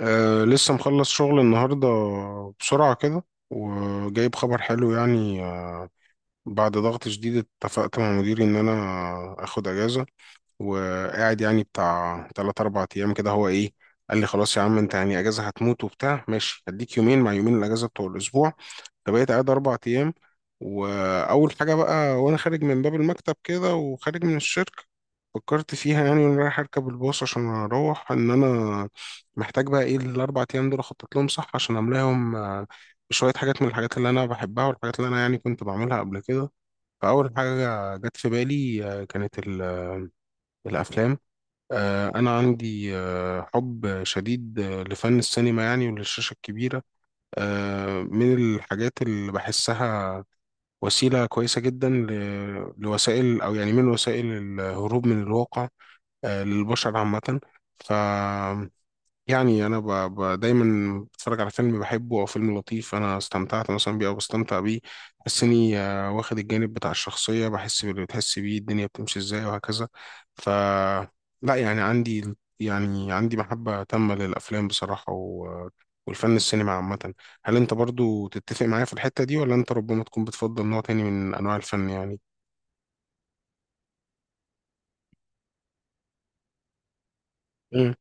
أه، لسه مخلص شغل النهاردة بسرعة كده، وجايب خبر حلو يعني. بعد ضغط شديد اتفقت مع مديري إن أنا أخد أجازة، وقاعد يعني بتاع تلات أربع أيام كده. هو إيه، قال لي خلاص يا عم أنت يعني أجازة هتموت وبتاع، ماشي هديك يومين مع يومين الأجازة بتوع الأسبوع. فبقيت قاعد 4 أيام. وأول حاجة بقى، وأنا خارج من باب المكتب كده وخارج من الشركة، فكرت فيها يعني وأنا رايح أركب الباص عشان أروح، إن أنا محتاج بقى إيه الأربع أيام دول أخطط لهم صح عشان أملاهم. بشوية حاجات من الحاجات اللي أنا بحبها، والحاجات اللي أنا يعني كنت بعملها قبل كده. فأول حاجة جت في بالي كانت الأفلام. أنا عندي حب شديد لفن السينما يعني، وللشاشة الكبيرة. من الحاجات اللي بحسها وسيلة كويسة جدا لوسائل، أو يعني من وسائل الهروب من الواقع للبشر عامة. ف يعني انا دايما بتفرج على فيلم بحبه او فيلم لطيف انا استمتعت مثلا بيه او بستمتع بيه. بحس اني واخد الجانب بتاع الشخصيه، بحس باللي بتحس بيه، الدنيا بتمشي ازاي وهكذا. ف لا يعني عندي محبه تامه للافلام بصراحه، والفن السينما عامه. هل انت برضو تتفق معايا في الحته دي، ولا انت ربما تكون بتفضل نوع تاني من انواع الفن يعني؟ مم.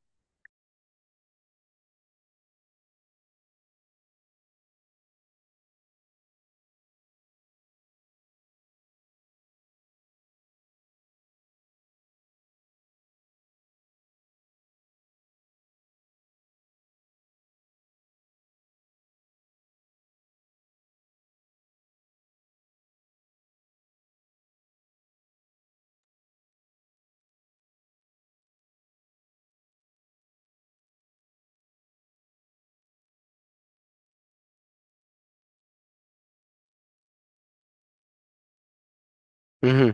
مهم.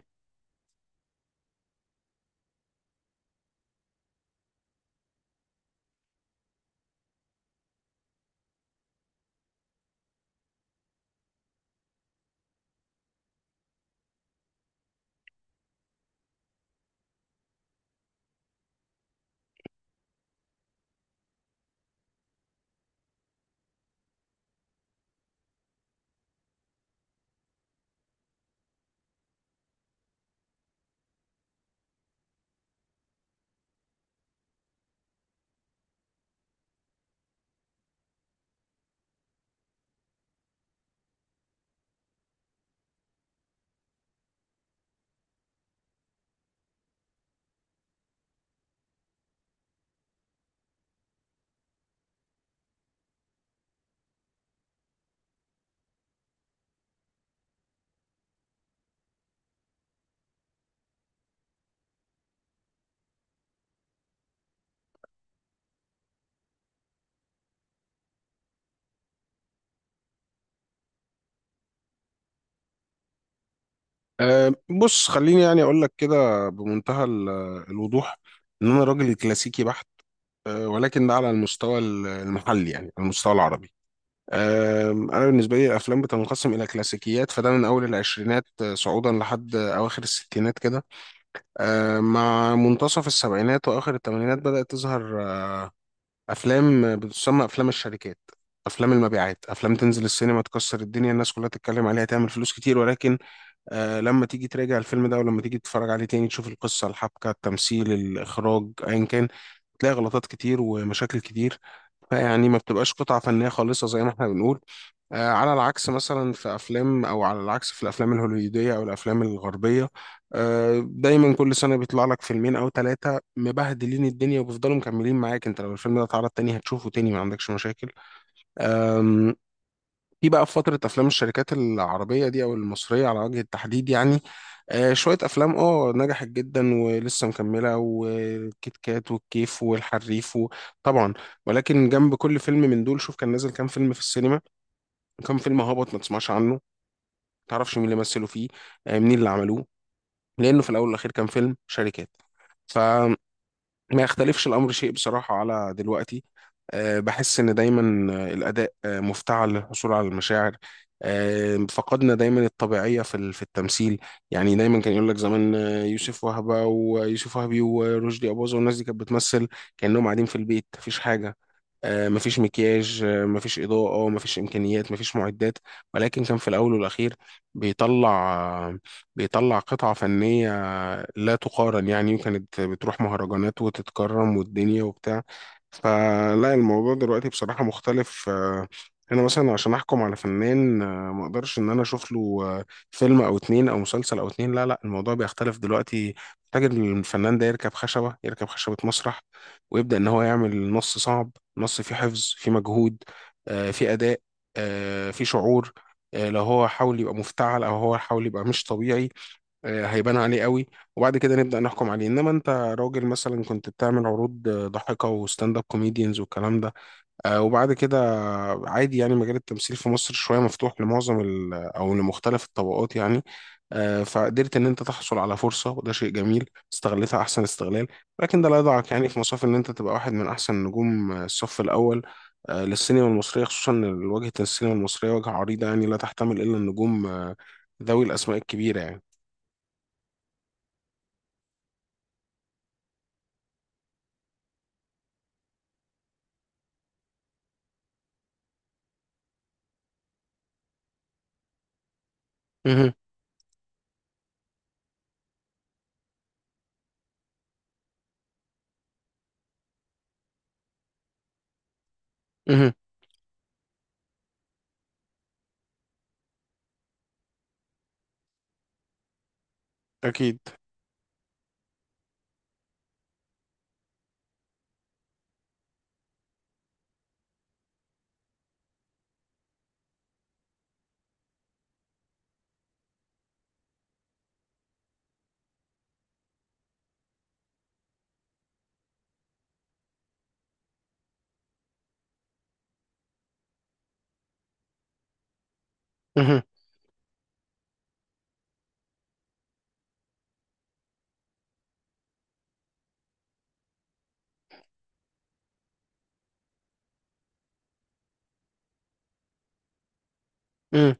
أه، بص خليني يعني اقول لك كده بمنتهى الوضوح، ان انا راجل كلاسيكي بحت. ولكن ده على المستوى المحلي، يعني على المستوى العربي. انا بالنسبه لي الافلام بتنقسم الى كلاسيكيات، فده من اول العشرينات صعودا لحد اواخر الستينات كده. مع منتصف السبعينات واخر الثمانينات بدات تظهر افلام بتسمى افلام الشركات، افلام المبيعات، افلام تنزل السينما تكسر الدنيا، الناس كلها تتكلم عليها، تعمل فلوس كتير. ولكن لما تيجي تراجع الفيلم ده، ولما تيجي تتفرج عليه تاني، تشوف القصه، الحبكه، التمثيل، الاخراج، ايا كان، تلاقي غلطات كتير ومشاكل كتير. يعني ما بتبقاش قطعة فنية خالصة زي ما احنا بنقول. على العكس مثلا في أفلام أو على العكس في الأفلام الهوليودية أو الأفلام الغربية، دايما كل سنة بيطلع لك فيلمين أو ثلاثة مبهدلين الدنيا، وبيفضلوا مكملين معاك. أنت لو الفيلم ده اتعرض تاني هتشوفه تاني، ما عندكش مشاكل. في فترة أفلام الشركات العربية دي، أو المصرية على وجه التحديد يعني، شوية أفلام نجحت جدا ولسه مكملة، والكيت كات، والكيف، والحريف، طبعا. ولكن جنب كل فيلم من دول، شوف كان نازل كام فيلم في السينما، كام فيلم هابط ما تسمعش عنه، ما تعرفش مين اللي مثلوا فيه، منين اللي عملوه، لأنه في الأول والأخير كان فيلم شركات. ف ما يختلفش الأمر شيء بصراحة على دلوقتي. بحس إن دايما الأداء مفتعل للحصول على المشاعر. فقدنا دايما الطبيعية في التمثيل. يعني دايما كان يقول لك زمان، يوسف وهبة ويوسف وهبي ورشدي أباظة والناس دي كانت بتمثل كأنهم قاعدين في البيت، مفيش حاجة. مفيش مكياج، مفيش إضاءة، مفيش إمكانيات، مفيش معدات. ولكن كان في الأول والأخير بيطلع بيطلع قطعة فنية لا تقارن يعني. وكانت بتروح مهرجانات وتتكرم والدنيا وبتاع. فلا، الموضوع دلوقتي بصراحة مختلف. أنا مثلا عشان أحكم على فنان، ما أقدرش إن أنا أشوف له فيلم أو اتنين أو مسلسل أو اتنين. لا لا، الموضوع بيختلف دلوقتي. محتاج إن الفنان ده يركب خشبة مسرح، ويبدأ إن هو يعمل نص صعب، نص فيه حفظ، فيه مجهود، فيه أداء، فيه شعور. لو هو حاول يبقى مفتعل، أو هو حاول يبقى مش طبيعي، هيبان عليه قوي. وبعد كده نبدأ نحكم عليه. إنما أنت راجل مثلا كنت بتعمل عروض، ضحكة وستاند اب كوميديانز والكلام ده، وبعد كده عادي، يعني مجال التمثيل في مصر شوية مفتوح لمعظم ال أو لمختلف الطبقات يعني، فقدرت إن أنت تحصل على فرصة، وده شيء جميل، استغلتها أحسن استغلال. لكن ده لا يضعك يعني في مصاف إن أنت تبقى واحد من أحسن نجوم الصف الأول للسينما المصرية، خصوصا إن واجهة السينما المصرية واجهة عريضة، يعني لا تحتمل إلا النجوم ذوي الأسماء الكبيرة يعني. مهم. مهم. أكيد. مهم. مهم.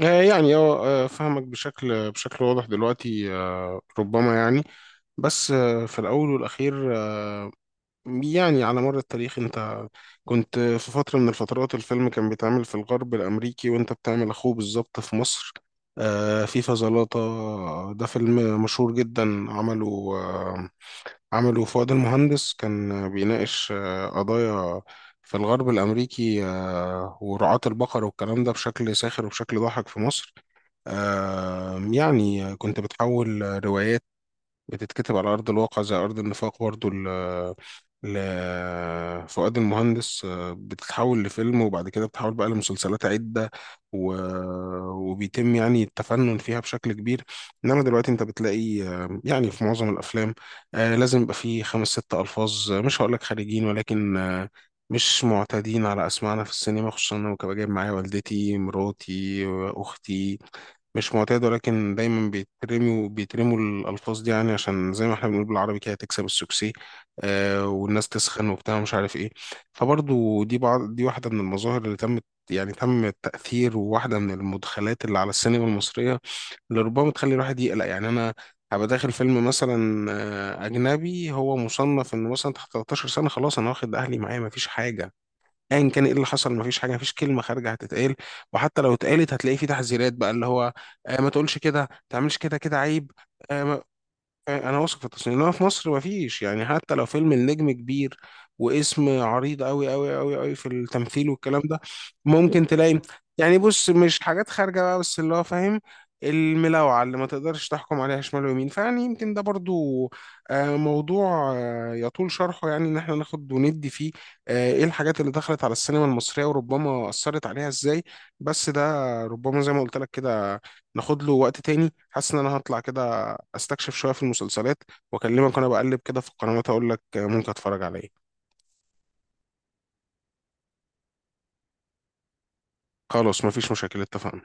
يعني فاهمك بشكل واضح دلوقتي. ربما يعني، بس في الأول والأخير يعني على مر التاريخ، أنت كنت في فترة من الفترات الفيلم كان بيتعمل في الغرب الأمريكي، وأنت بتعمل أخوه بالظبط في مصر. فيفا زلاطة، ده فيلم مشهور جدا، عمله آه، عمله فؤاد المهندس. كان بيناقش قضايا في الغرب الأمريكي ورعاة البقر والكلام ده، بشكل ساخر وبشكل ضاحك في مصر. يعني كنت بتحول روايات بتتكتب على أرض الواقع، زي أرض النفاق برضو لفؤاد المهندس، بتتحول لفيلم، وبعد كده بتتحول بقى لمسلسلات عدة، و... وبيتم يعني التفنن فيها بشكل كبير. إنما دلوقتي أنت بتلاقي يعني في معظم الأفلام لازم يبقى فيه خمس ست ألفاظ، مش هقولك خارجين، ولكن مش معتادين على أسماعنا في السينما. خصوصا أنا، وكنت جايب معايا والدتي، مراتي، أختي، مش معتاد. ولكن دايما بيترموا الألفاظ دي يعني، عشان زي ما احنا بنقول بالعربي كده تكسب السوكسي والناس تسخن وبتاع مش عارف ايه. فبرضو دي بعض، دي واحدة من المظاهر اللي تمت، يعني تم التأثير، وواحدة من المدخلات اللي على السينما المصرية، اللي ربما تخلي الواحد يقلق. يعني أنا هبقى داخل فيلم مثلا أجنبي، هو مصنف إنه مثلا تحت 13 سنة، خلاص أنا واخد أهلي معايا مفيش حاجة، ايا كان ايه اللي حصل مفيش حاجه، مفيش كلمه خارجه هتتقال، وحتى لو اتقالت هتلاقي في تحذيرات بقى، اللي هو ما تقولش كده، ما تعملش كده، كده عيب. آه. انا واثق في التصميم، انما في مصر ما فيش. يعني حتى لو فيلم النجم كبير واسم عريض قوي قوي قوي قوي في التمثيل والكلام ده، ممكن تلاقي، يعني بص، مش حاجات خارجه بقى، بس اللي هو فاهم الملاوعه اللي ما تقدرش تحكم عليها شمال ويمين. فيعني يمكن ده برضو موضوع يطول شرحه، يعني ان احنا ناخد وندي فيه ايه الحاجات اللي دخلت على السينما المصريه وربما اثرت عليها ازاي. بس ده ربما زي ما قلت لك كده، ناخد له وقت تاني. حاسس ان انا هطلع كده استكشف شويه في المسلسلات، واكلمك وانا بقلب كده في القنوات اقول لك ممكن اتفرج على ايه. خلاص مفيش مشاكل، اتفقنا.